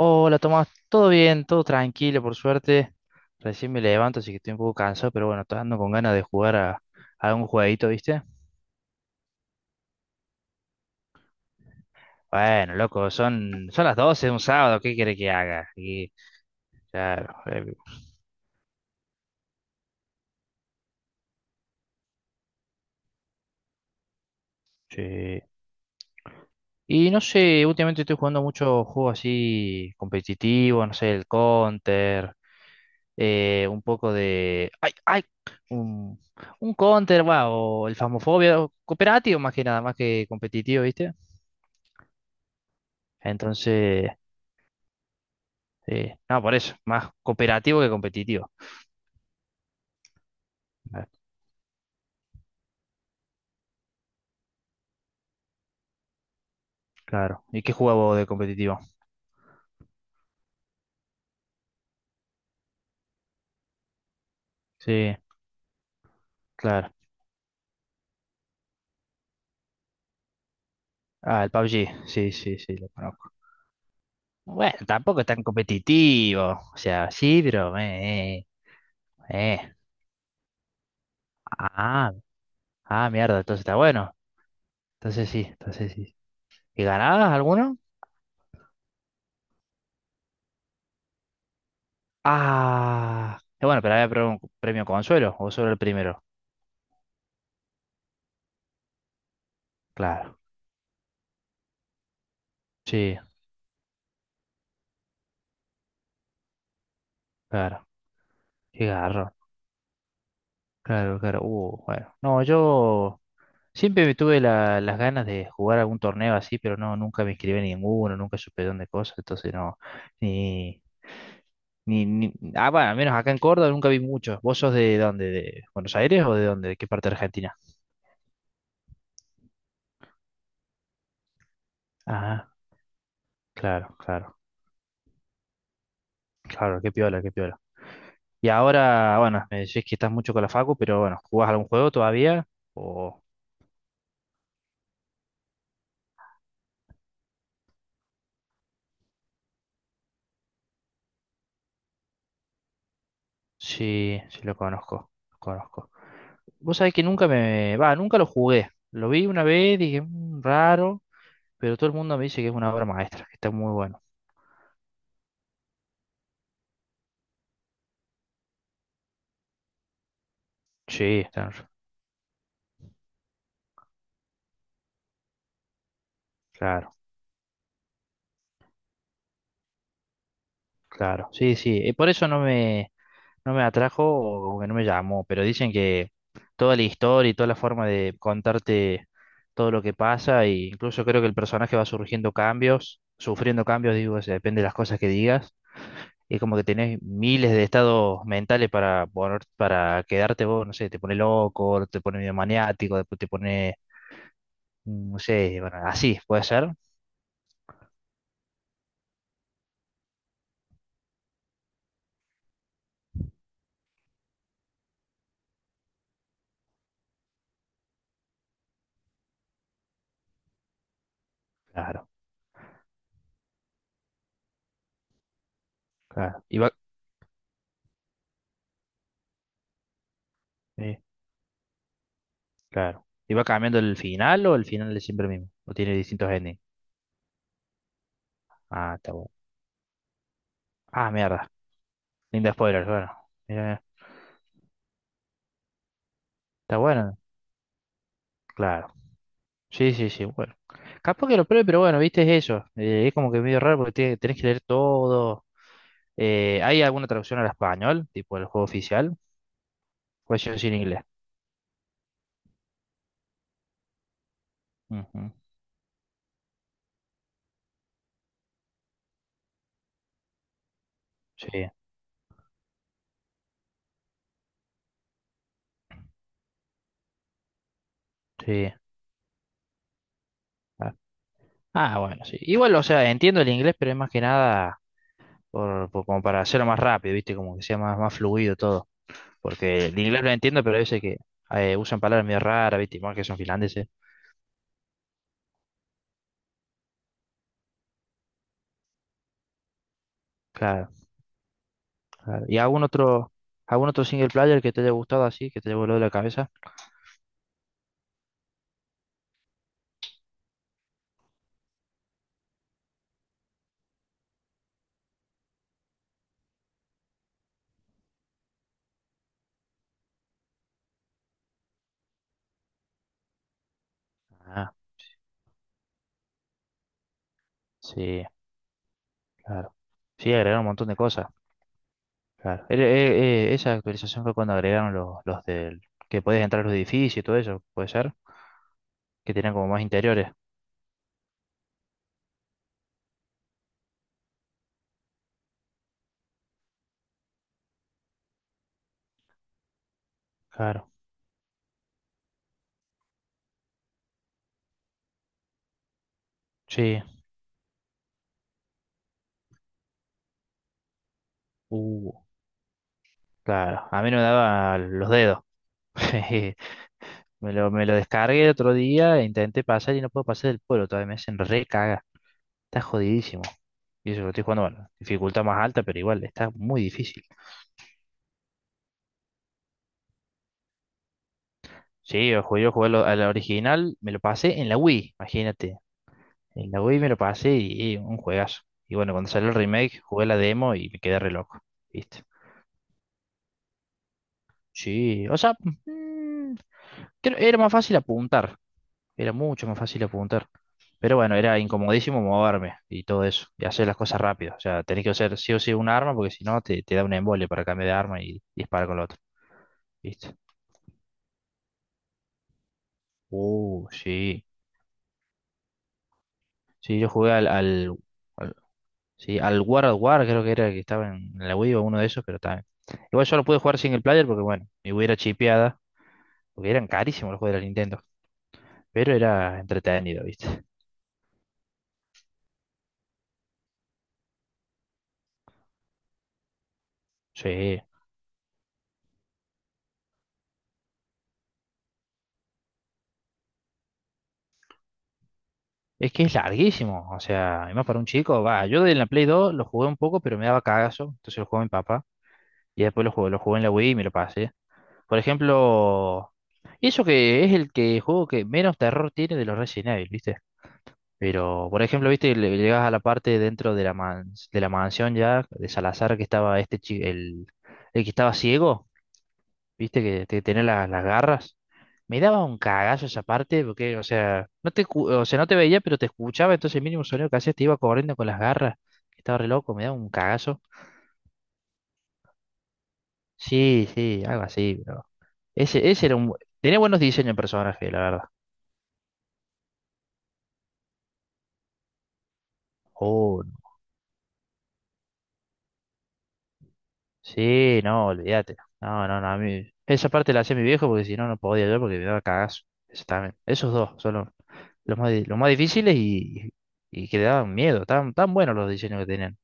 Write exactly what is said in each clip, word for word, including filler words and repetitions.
Hola Tomás, todo bien, todo tranquilo, por suerte. Recién me levanto, así que estoy un poco cansado, pero bueno, estoy andando con ganas de jugar a, a un jueguito, ¿viste? Bueno, loco, son, son las doce, de un sábado, ¿qué quiere que haga? Y claro, eh, sí. Y no sé, últimamente estoy jugando muchos juegos así competitivos, no sé, el Counter, eh, un poco de... ¡Ay, ay! Un, un Counter, va, o el Phasmophobia, o cooperativo más que nada, más que competitivo, ¿viste? Entonces, eh, no, por eso, más cooperativo que competitivo. Ah, claro. ¿Y qué juego de competitivo? Sí, claro. Ah, el P U B G, sí, sí, sí, lo conozco. Bueno, tampoco es tan competitivo. O sea, sí, pero... Eh, eh. eh. Ah, ah, mierda, entonces está bueno. Entonces sí, entonces sí. ¿Y ganabas alguno? Ah, eh, bueno, pero había pre- un premio consuelo, o solo el primero. Claro, sí, claro. Qué garrón. Claro, claro. Uh, bueno. No, yo siempre me tuve la- las ganas de jugar algún torneo así, pero no, nunca me inscribí en ninguno, nunca supe dónde cosas, entonces no, Ni, ni- ah, bueno, al menos acá en Córdoba nunca vi muchos. ¿Vos sos de dónde? ¿De Buenos Aires o de dónde? ¿De qué parte de Argentina? Ah, claro, claro, claro, qué piola, qué piola. Y ahora, bueno, me decís que estás mucho con la Facu, pero bueno, ¿jugás algún juego todavía? O sí, sí lo conozco, lo conozco. Vos sabés que nunca me, va, nunca lo jugué. Lo vi una vez, dije, "Mm, raro, pero todo el mundo me dice que es una obra maestra, que está muy bueno". Sí, está- claro, claro. Sí, sí, eh, por eso no me no me atrajo o como que no me llamó, pero dicen que toda la historia y toda la forma de contarte todo lo que pasa, e incluso creo que el personaje va surgiendo cambios, sufriendo cambios, digo, o sea, depende de las cosas que digas, y es como que tenés miles de estados mentales para poner, para quedarte vos, no sé, te pone loco, te pone medio maniático, después te pone, mm, no sé, bueno, así, puede ser, claro, claro, y va, sí, claro. ¿Y va cambiando el final o el final es siempre el mismo? ¿O tiene distintos endings? Ah, está bueno. Ah, mierda. Linda spoiler, claro. Mira, está bueno, claro. Sí, sí, sí, bueno. Capaz que lo pruebe, pero bueno, viste, es eso. Eh, es como que medio raro porque te- tenés que leer todo. Eh, ¿hay alguna traducción al español? Tipo el juego oficial. Pues yo sí en inglés. Ujú, sí, sí. Ah, ah, bueno, sí. Igual, o sea, entiendo el inglés, pero es más que nada por, por- como para hacerlo más rápido, viste, como que sea más, más fluido todo. Porque el inglés lo entiendo, pero a veces que eh, usan palabras medio raras, viste, igual que son finlandeses. Claro. Claro. ¿Y algún otro, algún otro single player que te haya gustado así, que te haya volado la cabeza? Ah, sí, claro. Sí, agregaron un montón de cosas. Claro. Eh, eh, eh, esa actualización fue cuando agregaron los, los del... que podías entrar a los edificios y todo eso, puede ser, que tenían como más interiores. Claro. Sí. Uh, claro. A mí no me daba los dedos. Me lo, me lo descargué el otro día e intenté pasar y no puedo pasar del pueblo. Todavía me hacen re caga. Está jodidísimo. Y eso que lo estoy jugando, bueno, dificultad más alta, pero igual, está muy difícil. Sí, yo jugué, yo jugué lo- al original, me lo pasé en la Wii, imagínate. En la Wii me lo pasé y, y un juegazo. Y bueno, cuando salió el remake, jugué la demo y me quedé re loco, ¿viste? Sí, o sea, mm, creo- era más fácil apuntar, era mucho más fácil apuntar. Pero bueno, era incomodísimo moverme y todo eso, y hacer las cosas rápido. O sea, tenés que usar sí o sí un arma porque si no te, te da un embole para cambiar de arma y disparar con la otra, ¿viste? Uh, sí. Sí, yo jugué al, al, sí, al War of War creo que era el que estaba en en la Wii o uno de esos, pero también. Igual yo lo pude jugar single player porque, bueno, mi Wii era chipeada, porque eran carísimos los juegos de la Nintendo, pero era entretenido, ¿viste? Sí, es que es larguísimo, o sea, y más para un chico, va, yo en la Play dos lo jugué un poco, pero me daba cagazo, entonces lo jugó mi papá, y después lo jugué, lo jugué en la Wii y me lo pasé. Por ejemplo, y eso que es el que juego que menos terror tiene de los Resident Evil, ¿viste? Pero, por ejemplo, viste, Le- llegas a la parte dentro de la mans- de la mansión ya, de Salazar, que estaba este chi- el, el que estaba ciego, viste, que, te- tenía la- las garras. Me daba un cagazo esa parte, porque, o sea, no te, escu- o sea, no te veía, pero te escuchaba, entonces el mínimo sonido que hacías te iba corriendo con las garras. Estaba re loco, me daba un cagazo. Sí, sí, algo así, pero. Ese, ese era un. bu- Tenía buenos diseños de personaje, la verdad. Oh, sí, no, olvídate. No, no, no, a mí. Esa parte la hacía mi viejo porque si no, no podía yo porque me daba cagazo. Eso también. Esos dos son los, los más, di- los más difíciles y, y que le daban miedo. Tan, tan buenos los diseños que tenían.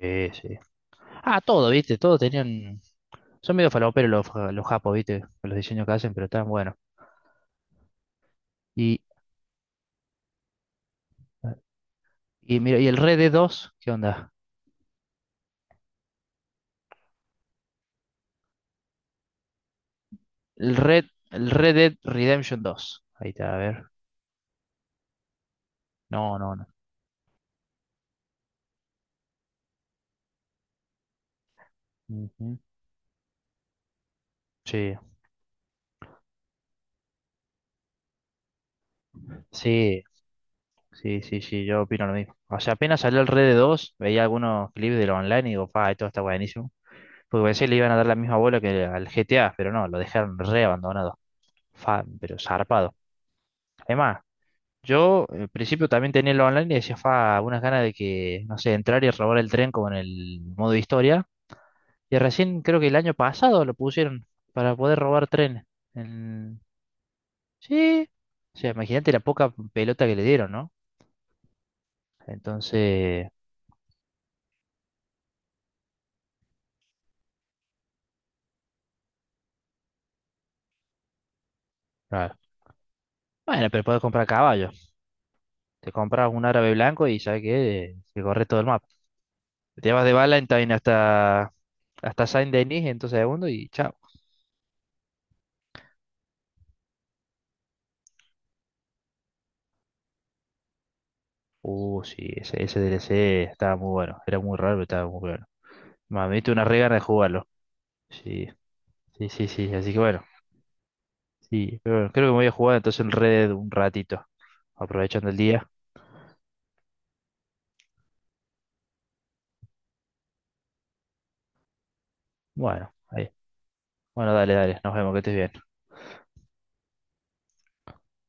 Sí, sí. Ah, todo, viste, todos tenían. Son medio faloperos los, ja- los japos, viste, con los diseños que hacen, pero están buenos. Y, y mira, ¿y el Red Dead dos? ¿Qué onda? El Red, el Red Dead Redemption dos. Ahí está, a ver. No, no, no. Ujú. Sí. Sí, sí, sí, sí, yo opino lo mismo. O sea, apenas salió el Red dos, veía algunos clips de lo online y digo, pa, esto está buenísimo. Porque pensé que le iban a dar la misma bola que al G T A, pero no, lo dejaron re abandonado. Fa, pero zarpado. Además, yo al principio también tenía lo online y decía, fa, algunas ganas de que, no sé, entrar y robar el tren como en el modo historia. Y recién creo que el año pasado lo pusieron para poder robar tren. En- sí. O sea, imagínate la poca pelota que le dieron, ¿no? Entonces... claro, bueno, pero puedes comprar caballos. Te compras un árabe blanco y sabes que, que corre todo el mapa. Te llevas de Valentine hasta, hasta Saint-Denis en dos segundos y chao. Uh, sí, ese, ese D L C estaba muy bueno. Era muy raro, pero estaba muy bueno. Me diste una re gana de jugarlo. Sí, sí, sí, sí. Así que bueno, sí. Pero bueno, creo que me voy a jugar entonces el Red Dead un ratito, aprovechando el día. Bueno, ahí. Bueno, dale, dale. Nos vemos, que estés bien.